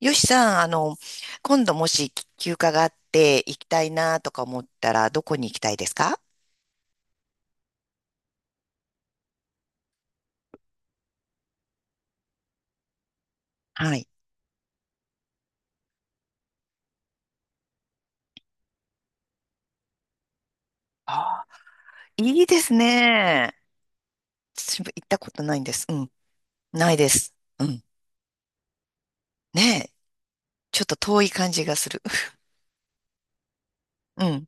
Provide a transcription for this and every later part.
よしさん、今度もし休暇があって行きたいなとか思ったら、どこに行きたいですか？はい。ああ、いいですね。私も行ったことないんです。うん。ないです。うん。ねえ。ちょっと遠い感じがする。うん。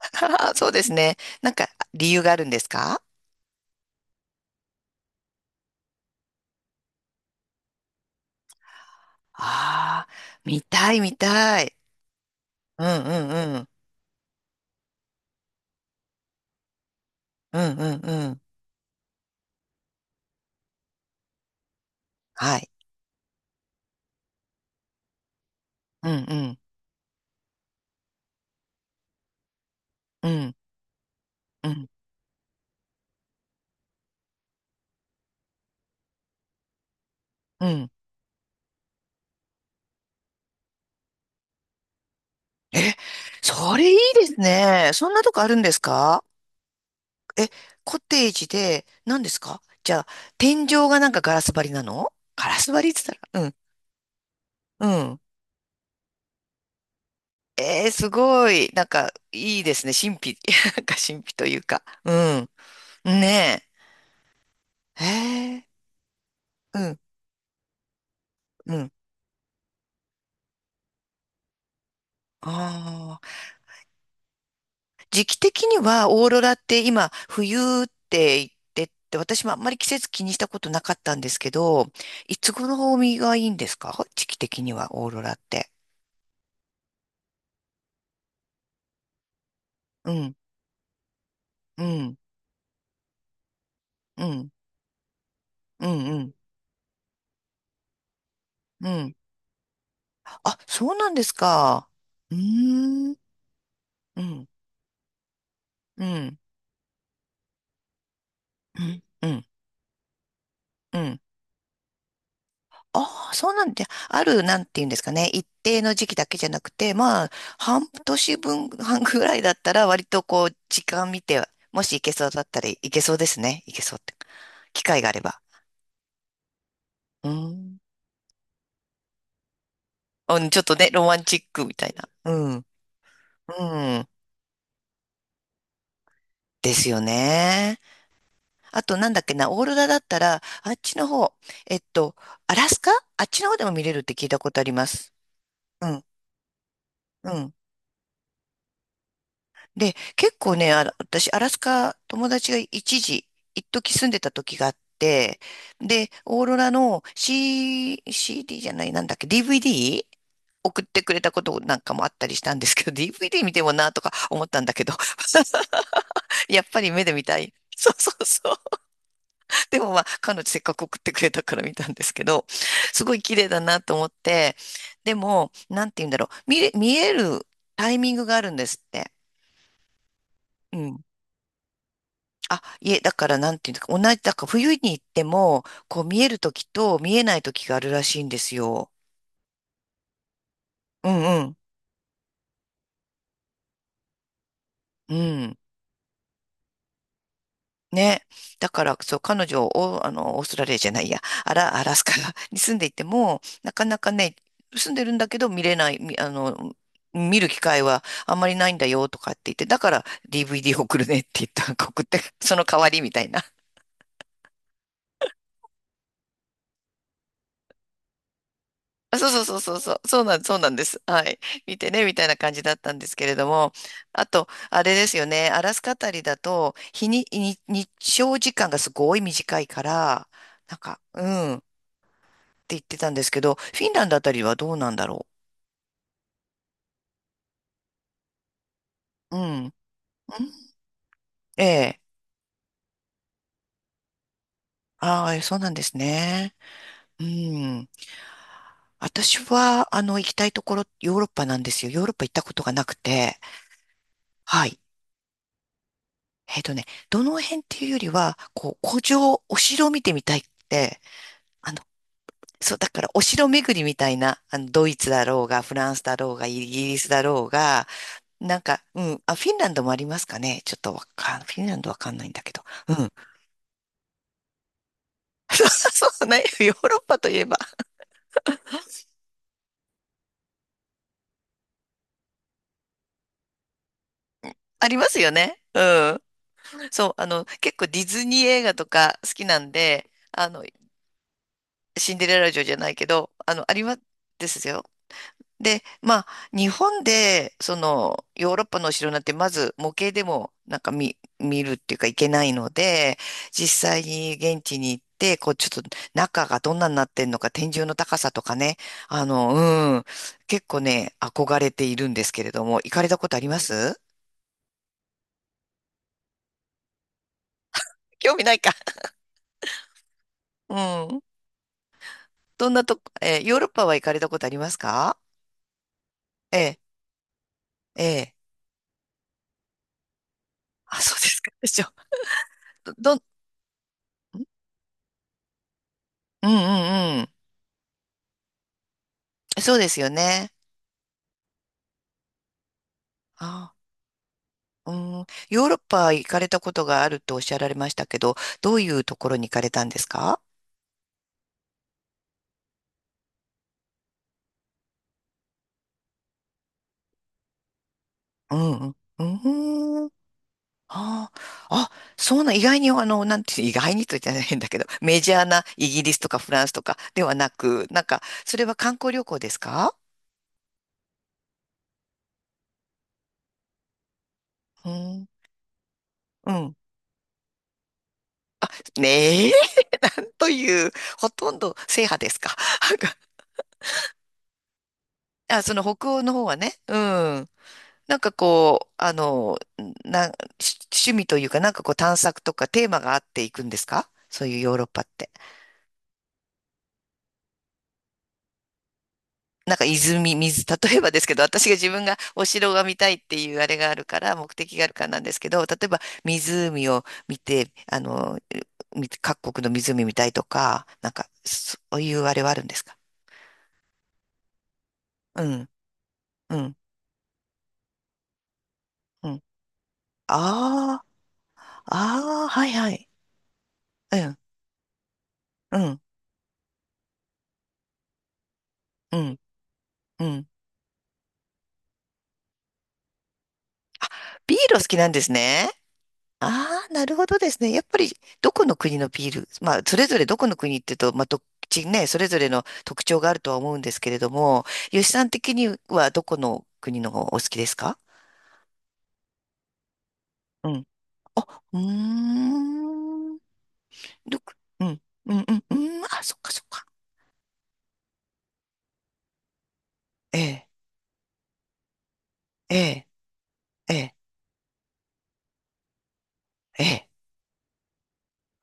そうですね。なんか、理由があるんですか？ああー、見たい見たい。うんうんうん。うんうんうん。はい。うんうんうんうんうん。え、それいいですね。そんなとこあるんですか？え、コテージで、何ですか？じゃあ、天井がなんかガラス張りなの？ガラス張りって言ったら、うん、うん。えー、すごい。いいですね。神秘、なんか神秘というか。うん。ねえ。へえ、うん、うん。ああ。時期的には、オーロラって今、冬って言って、私もあんまり季節気にしたことなかったんですけど、いつ頃がいいんですか？時期的には、オーロラって。うん、うん、うん、うん、うん。うん、あ、そうなんですか。うーん、うん、うん、うん、うん、うん。ああ、そうなんで、ある、なんていうんですかね。一定の時期だけじゃなくて、まあ、半年分、半ぐらいだったら、割とこう、時間見て、もし行けそうだったら行けそうですね。行けそうって。機会があれば。うん。うん、ちょっとね、ロマンチックみたいな。うん、うん。ですよね。あと、なんだっけな、オーロラだったら、あっちの方、えっと、アラスカ、あっちの方でも見れるって聞いたことあります。うん、うん。で、結構ね、あら、私、アラスカ、友達が一時住んでた時があって、で、オーロラの C、CD じゃない、なんだっけ、DVD? 送ってくれたことなんかもあったりしたんですけど、DVD 見てもなとか思ったんだけど、やっぱり目で見たい。そうそうそう。でもまあ、彼女せっかく送ってくれたから見たんですけど、すごい綺麗だなと思って、でも、なんて言うんだろう、見れ、見えるタイミングがあるんですって。うん。あ、いえ、だからなんていうんですか、同じ、だから冬に行っても、こう見える時と見えない時があるらしいんですよ。うんうん。うん。ね。だから、そう、彼女を、オーストラリアじゃないや、アラ、アラスカ に住んでいても、なかなかね、住んでるんだけど見れない、あの、見る機会はあんまりないんだよとかって言って、だから DVD 送るねって言った、送って、その代わりみたいな。あそうそうそうそうそう、そうなん、そうなんです。はい。見てね、みたいな感じだったんですけれども。あと、あれですよね、アラスカあたりだと、日に、に日照時間がすごい短いから、なんか、うん。言ってたんですけど、フィンランドあたりはどうなんだろう。うん。うん、ええ。ああ、そうなんですね。うん。私は、行きたいところ、ヨーロッパなんですよ。ヨーロッパ行ったことがなくて。はい。えっとね、どの辺っていうよりは、こう、古城、お城を見てみたいって、あの、そう、だから、お城巡りみたいな、ドイツだろうが、フランスだろうが、イギリスだろうが、なんか、うん、あ、フィンランドもありますかね。ちょっとわかん、フィンランドわかんないんだけど。うん。そうそうね。ヨーロッパといえば、ありますよね。うん。そう、結構ディズニー映画とか好きなんで、シンデレラ城じゃないけど、ありますですよ。で、まあ、日本で、その、ヨーロッパのお城なんて、まず模型でも、なんか見、見るっていうかいけないので、実際に現地に行って、こう、ちょっと中がどんなになってんのか、天井の高さとかね、あの、うん、結構ね、憧れているんですけれども、行かれたことあります？ 興味ないか。うん。どんなとこ、えーヨーロッパは行かれたことありますか？ええ、ええ。あ、そうですか。でしょ。ど、どん、ん、うんうんうん。そうですよね。あ、うん。ヨーロッパ行かれたことがあるとおっしゃられましたけど、どういうところに行かれたんですか？うんうん。うん。ああ、あ、そうな、意外に、なんて、意外にと言ったら変だけど、メジャーなイギリスとかフランスとかではなく、なんか、それは観光旅行ですか？うん。うん。ねえ、なんという、ほとんど制覇ですか。あ、その北欧の方はね、うん。なんかこう、あの、な、し趣味というか、なんかこう探索とかテーマがあっていくんですか？そういうヨーロッパって。なんか泉、水、例えばですけど、私が自分がお城が見たいっていうあれがあるから、目的があるからなんですけど、例えば湖を見て、あの、み各国の湖見たいとか、なんか、そういうあれはあるんですか？うん、うん、うん。ああ、ああ、はいはい。うん、うん、うん、うん。ビールお好きなんですね。ああ、なるほどですね。やっぱり、どこの国のビール、まあ、それぞれどこの国っていうと、まあ、どっちね、それぞれの特徴があるとは思うんですけれども、吉さん的にはどこの国のお好きですか？うん。あ、うーん。どこ、うん、うん、うん、うん。あ、そっかそっか。ええ、ええ、ええ、ええ。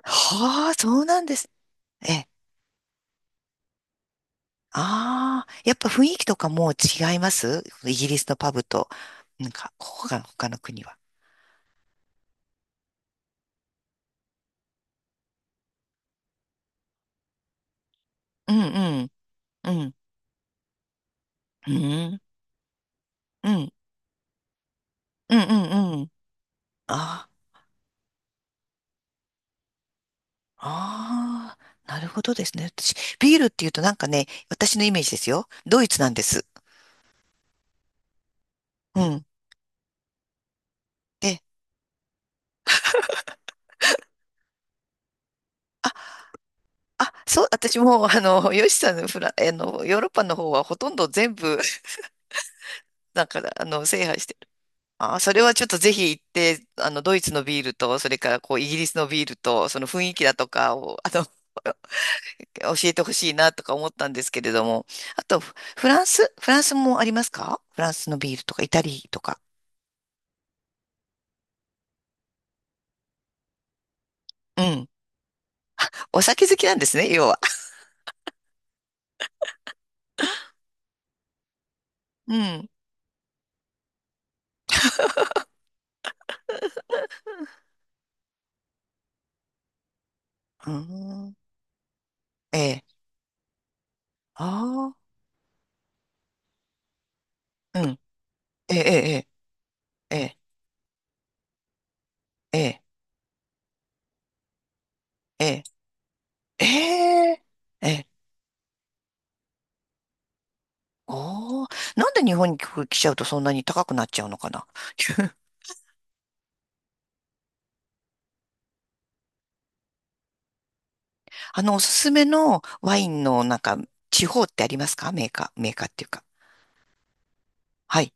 はあ、そうなんです。ええ、ああ、やっぱ雰囲気とかもう違います？イギリスのパブと、なんか、ここが他の国は。うんうん、うん、うん、うん、うん、うん。うん、ああ、ああ、なるほどですね。私、ビールっていうとなんかね、私のイメージですよ。ドイツなんです。うん。で、あ、あ、そう、私も、ヨシさんのフラ、ヨーロッパの方はほとんど全部、なんか、あの、制覇して、あー、それはちょっとぜひ行って、ドイツのビールと、それからこう、イギリスのビールと、その雰囲気だとかを、教えてほしいなとか思ったんですけれども。あと、フフランス、フランスもありますか？フランスのビールとか、イタリーとか。うん。お酒好きなんですね、要は。うん。うん。ええ。ああ。うん。ええ、ええ、ええ、ええ、ええ。ええ。ええ。おお、なんで日本に来ちゃうとそんなに高くなっちゃうのかな。 おすすめのワインのなんか、地方ってありますか？メーカー、メーカーっていうか。はい。